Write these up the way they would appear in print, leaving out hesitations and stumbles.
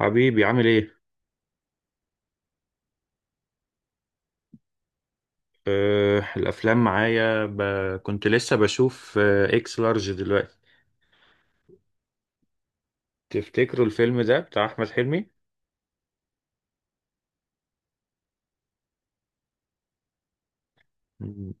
حبيبي عامل ايه؟ الافلام معايا كنت لسه بشوف اكس لارج دلوقتي. تفتكروا الفيلم ده بتاع احمد حلمي؟ مم،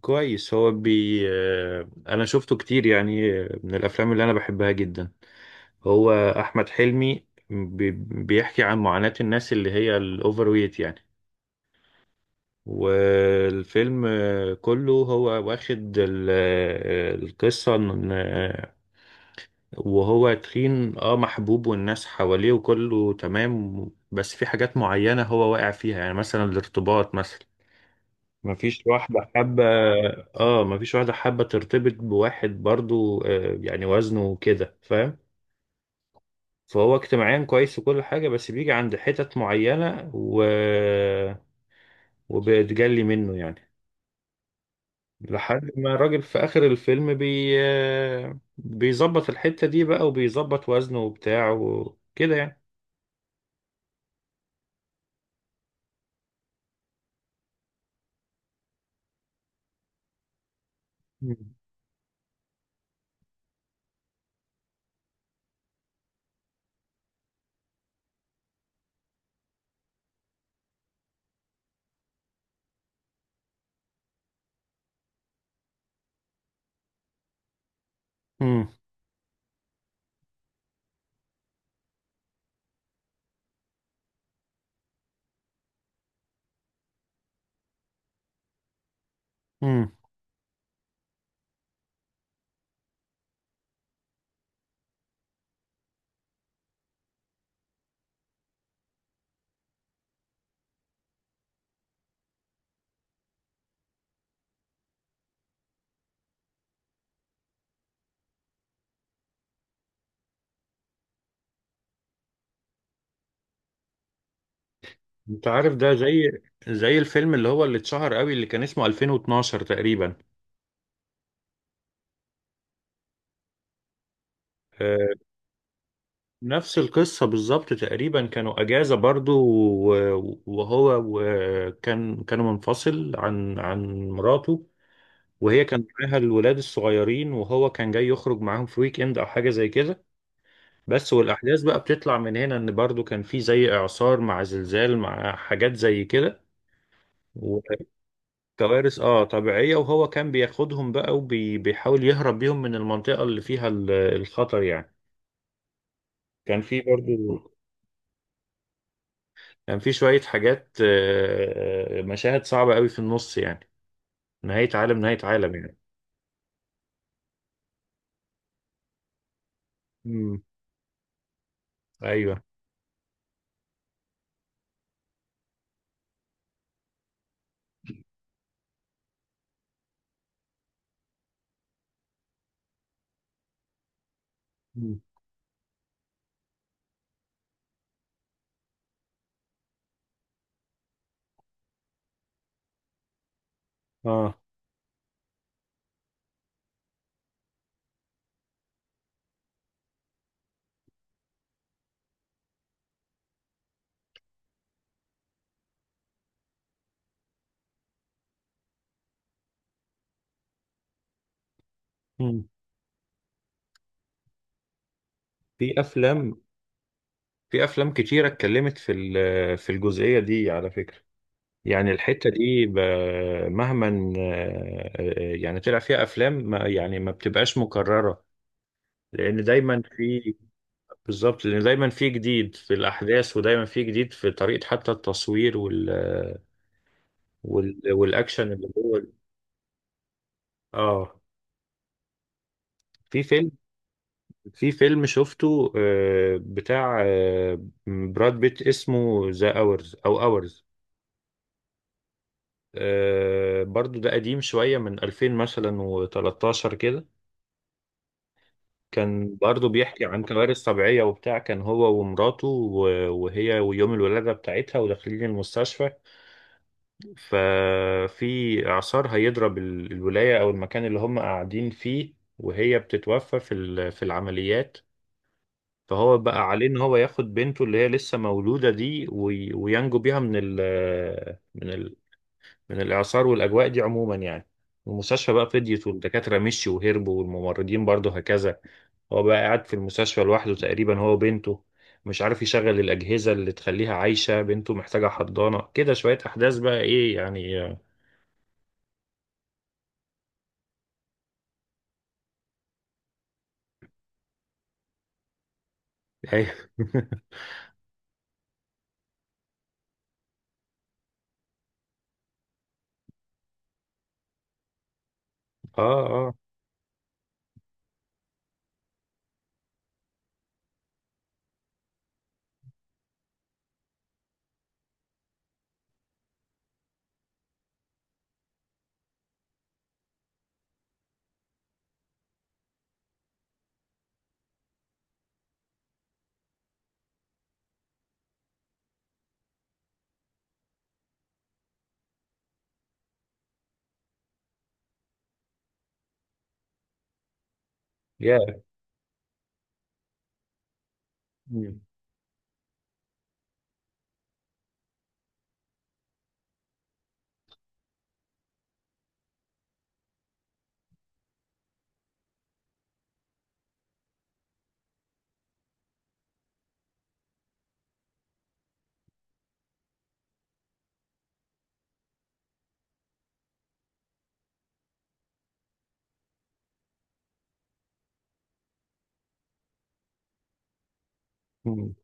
كويس. هو بي أه انا شفته كتير، يعني من الافلام اللي انا بحبها جدا. هو احمد حلمي بيحكي عن معاناة الناس اللي هي الاوفر ويت، يعني. والفيلم كله هو واخد القصة. وهو تخين، محبوب، والناس حواليه وكله تمام. بس في حاجات معينة هو واقع فيها، يعني مثلا الارتباط مثلا. مفيش واحدة حابة اه مفيش واحدة حابة ترتبط بواحد، برضو يعني وزنه كده، فاهم. فهو اجتماعيا كويس وكل حاجة، بس بيجي عند حتت معينة وبيتجلي منه، يعني. لحد ما الراجل في آخر الفيلم بي... آه، بيظبط الحتة دي بقى وبيظبط وزنه وبتاعه وكده، يعني. امم امم انت عارف ده زي الفيلم اللي اتشهر قوي، اللي كان اسمه 2012 تقريبا. آه، نفس القصة بالظبط تقريبا، كانوا أجازة برضو وهو كانوا منفصل عن مراته. وهي كان معاها الولاد الصغيرين، وهو كان جاي يخرج معاهم في ويك اند أو حاجة زي كده. بس والأحداث بقى بتطلع من هنا، إن برضو كان في زي إعصار مع زلزال مع حاجات زي كده. كوارث طبيعية، وهو كان بياخدهم بقى وبيحاول يهرب بيهم من المنطقة اللي فيها الخطر، يعني. كان في برضو كان في شوية حاجات، مشاهد صعبة قوي في النص، يعني. نهاية عالم نهاية عالم، يعني. امم، ايوه. مم. اه. مم. في افلام في افلام كتيرة اتكلمت في الجزئية دي على فكرة. يعني الحتة دي مهما يعني طلع فيها افلام، ما يعني ما بتبقاش مكررة، لان دايما في. بالظبط، لان دايما في جديد في الاحداث، ودايما في جديد في طريقه، حتى التصوير والاكشن. اللي هو اه في فيلم في فيلم شفته بتاع براد بيت، اسمه ذا اورز او اورز. برضو ده قديم شويه، من 2000 مثلا و13 كده. كان برضو بيحكي عن كوارث طبيعيه وبتاع، كان هو ومراته وهي، ويوم الولاده بتاعتها وداخلين المستشفى. ففي إعصار هيضرب الولاية أو المكان اللي هم قاعدين فيه، وهي بتتوفى في العمليات. فهو بقى عليه إن هو ياخد بنته اللي هي لسه مولودة دي، وينجو بيها من ال من الإعصار والأجواء دي عموما، يعني. المستشفى بقى فضيت، والدكاترة مشيوا وهربوا، والممرضين برضه هكذا. هو بقى قاعد في المستشفى لوحده تقريبا، هو وبنته. مش عارف يشغل الأجهزة اللي تخليها عايشة، بنته محتاجة حضانة، كده شوية أحداث بقى إيه، يعني. ايوه اه. اه. يا. مم. مم.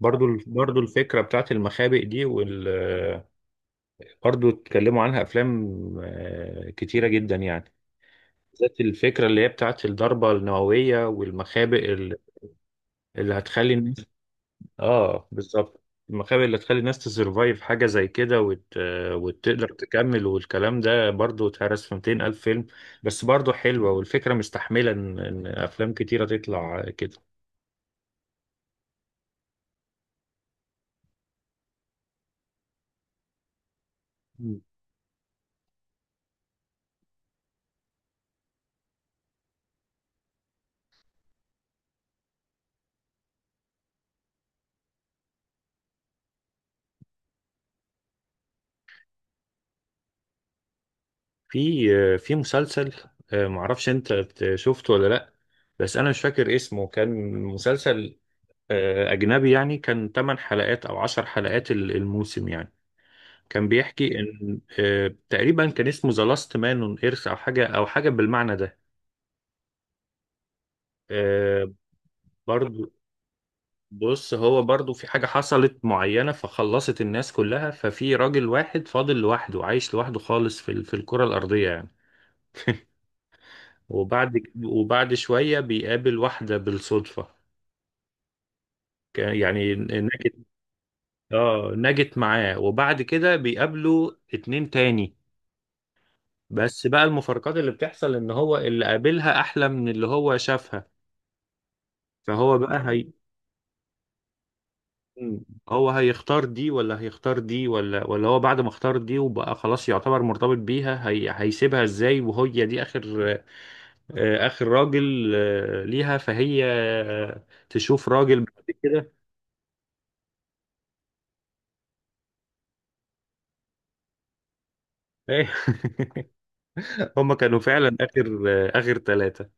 برضو الفكرة بتاعت المخابئ دي وال. برضو اتكلموا عنها أفلام كتيرة جدا، يعني. بالذات الفكرة اللي هي بتاعت الضربة النووية والمخابئ اللي هتخلي الناس. اه، بالظبط. المخابئ اللي هتخلي الناس تسرفايف، حاجة زي كده، وت... آه، وتقدر تكمل. والكلام ده برضو اتهرس في 200 ألف فيلم، بس برضو حلوة، والفكرة مستحملة إن أفلام كتيرة تطلع كده. في مسلسل، معرفش انت شفته ولا لا، بس انا مش فاكر اسمه. كان مسلسل اجنبي، يعني كان 8 حلقات او 10 حلقات الموسم، يعني. كان بيحكي ان تقريبا كان اسمه ذا لاست مان اون ايرث، او حاجه بالمعنى ده. آه، برضو، بص، هو برضو في حاجه حصلت معينه، فخلصت الناس كلها. ففي راجل واحد فاضل لوحده، عايش لوحده خالص في في الكره الارضيه، يعني. وبعد شويه بيقابل واحده بالصدفه. يعني نجت. اه، نجت معاه، وبعد كده بيقابلوا اتنين تاني. بس بقى المفارقات اللي بتحصل ان هو اللي قابلها احلى من اللي هو شافها. فهو بقى هي. مم. هو هيختار دي ولا هيختار دي ولا هو بعد ما اختار دي وبقى خلاص يعتبر مرتبط بيها، هي هيسيبها ازاي؟ وهي دي اخر راجل ليها، فهي تشوف راجل بعد كده. هما كانوا فعلا اخر ثلاثة.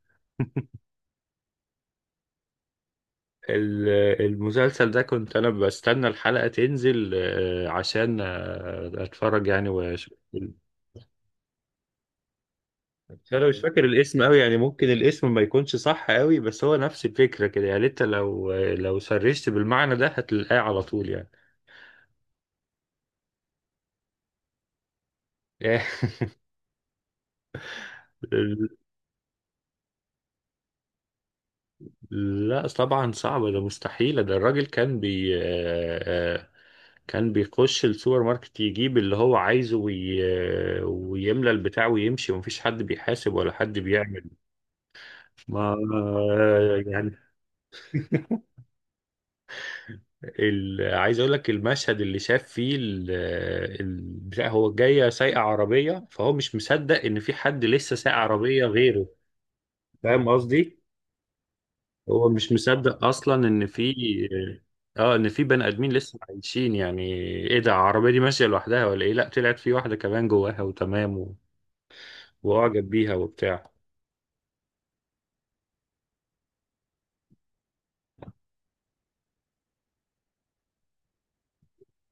ال- المسلسل ده كنت انا بستنى الحلقة تنزل عشان اتفرج، يعني واشوف بس انا مش فاكر الاسم قوي، يعني ممكن الاسم ما يكونش صح قوي، بس هو نفس الفكرة كده. يعني انت لو سرشت بالمعنى ده هتلاقيه على طول، يعني. لا طبعا صعبة، ده مستحيلة، ده الراجل كان بي آه، آه، كان بيخش السوبر ماركت يجيب اللي هو عايزه وي... آه، ويملى البتاع ويمشي، ومفيش حد بيحاسب ولا حد بيعمل ما. يعني عايز اقول لك المشهد اللي شاف فيه بتاع، هو جايه سايقه عربيه، فهو مش مصدق ان في حد لسه سايق عربيه غيره، فاهم قصدي؟ هو مش مصدق اصلا ان في بني ادمين لسه عايشين، يعني. ايه ده؟ العربيه دي ماشيه لوحدها ولا ايه؟ لا، طلعت في واحده كمان جواها وتمام واعجب بيها وبتاع.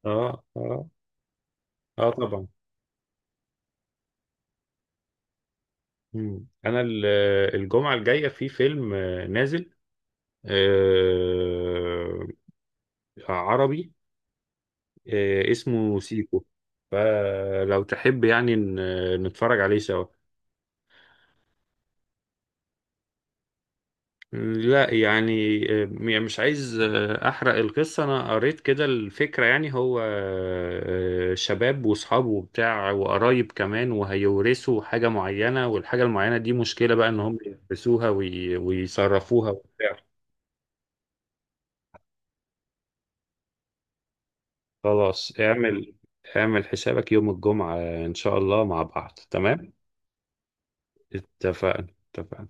اه. اه. اه، طبعا. انا الجمعه الجايه في فيلم نازل آه، عربي اسمه سيكو، فلو تحب يعني نتفرج عليه سوا. لا يعني يعني مش عايز أحرق القصة. أنا قريت كده الفكرة، يعني هو شباب وأصحابه وبتاع وقرايب كمان، وهيورثوا حاجة معينة، والحاجة المعينة دي مشكلة بقى إن هم يلبسوها ويصرفوها وبتاع. خلاص. اعمل حسابك يوم الجمعة إن شاء الله، مع بعض تمام. اتفقنا. اتفقنا.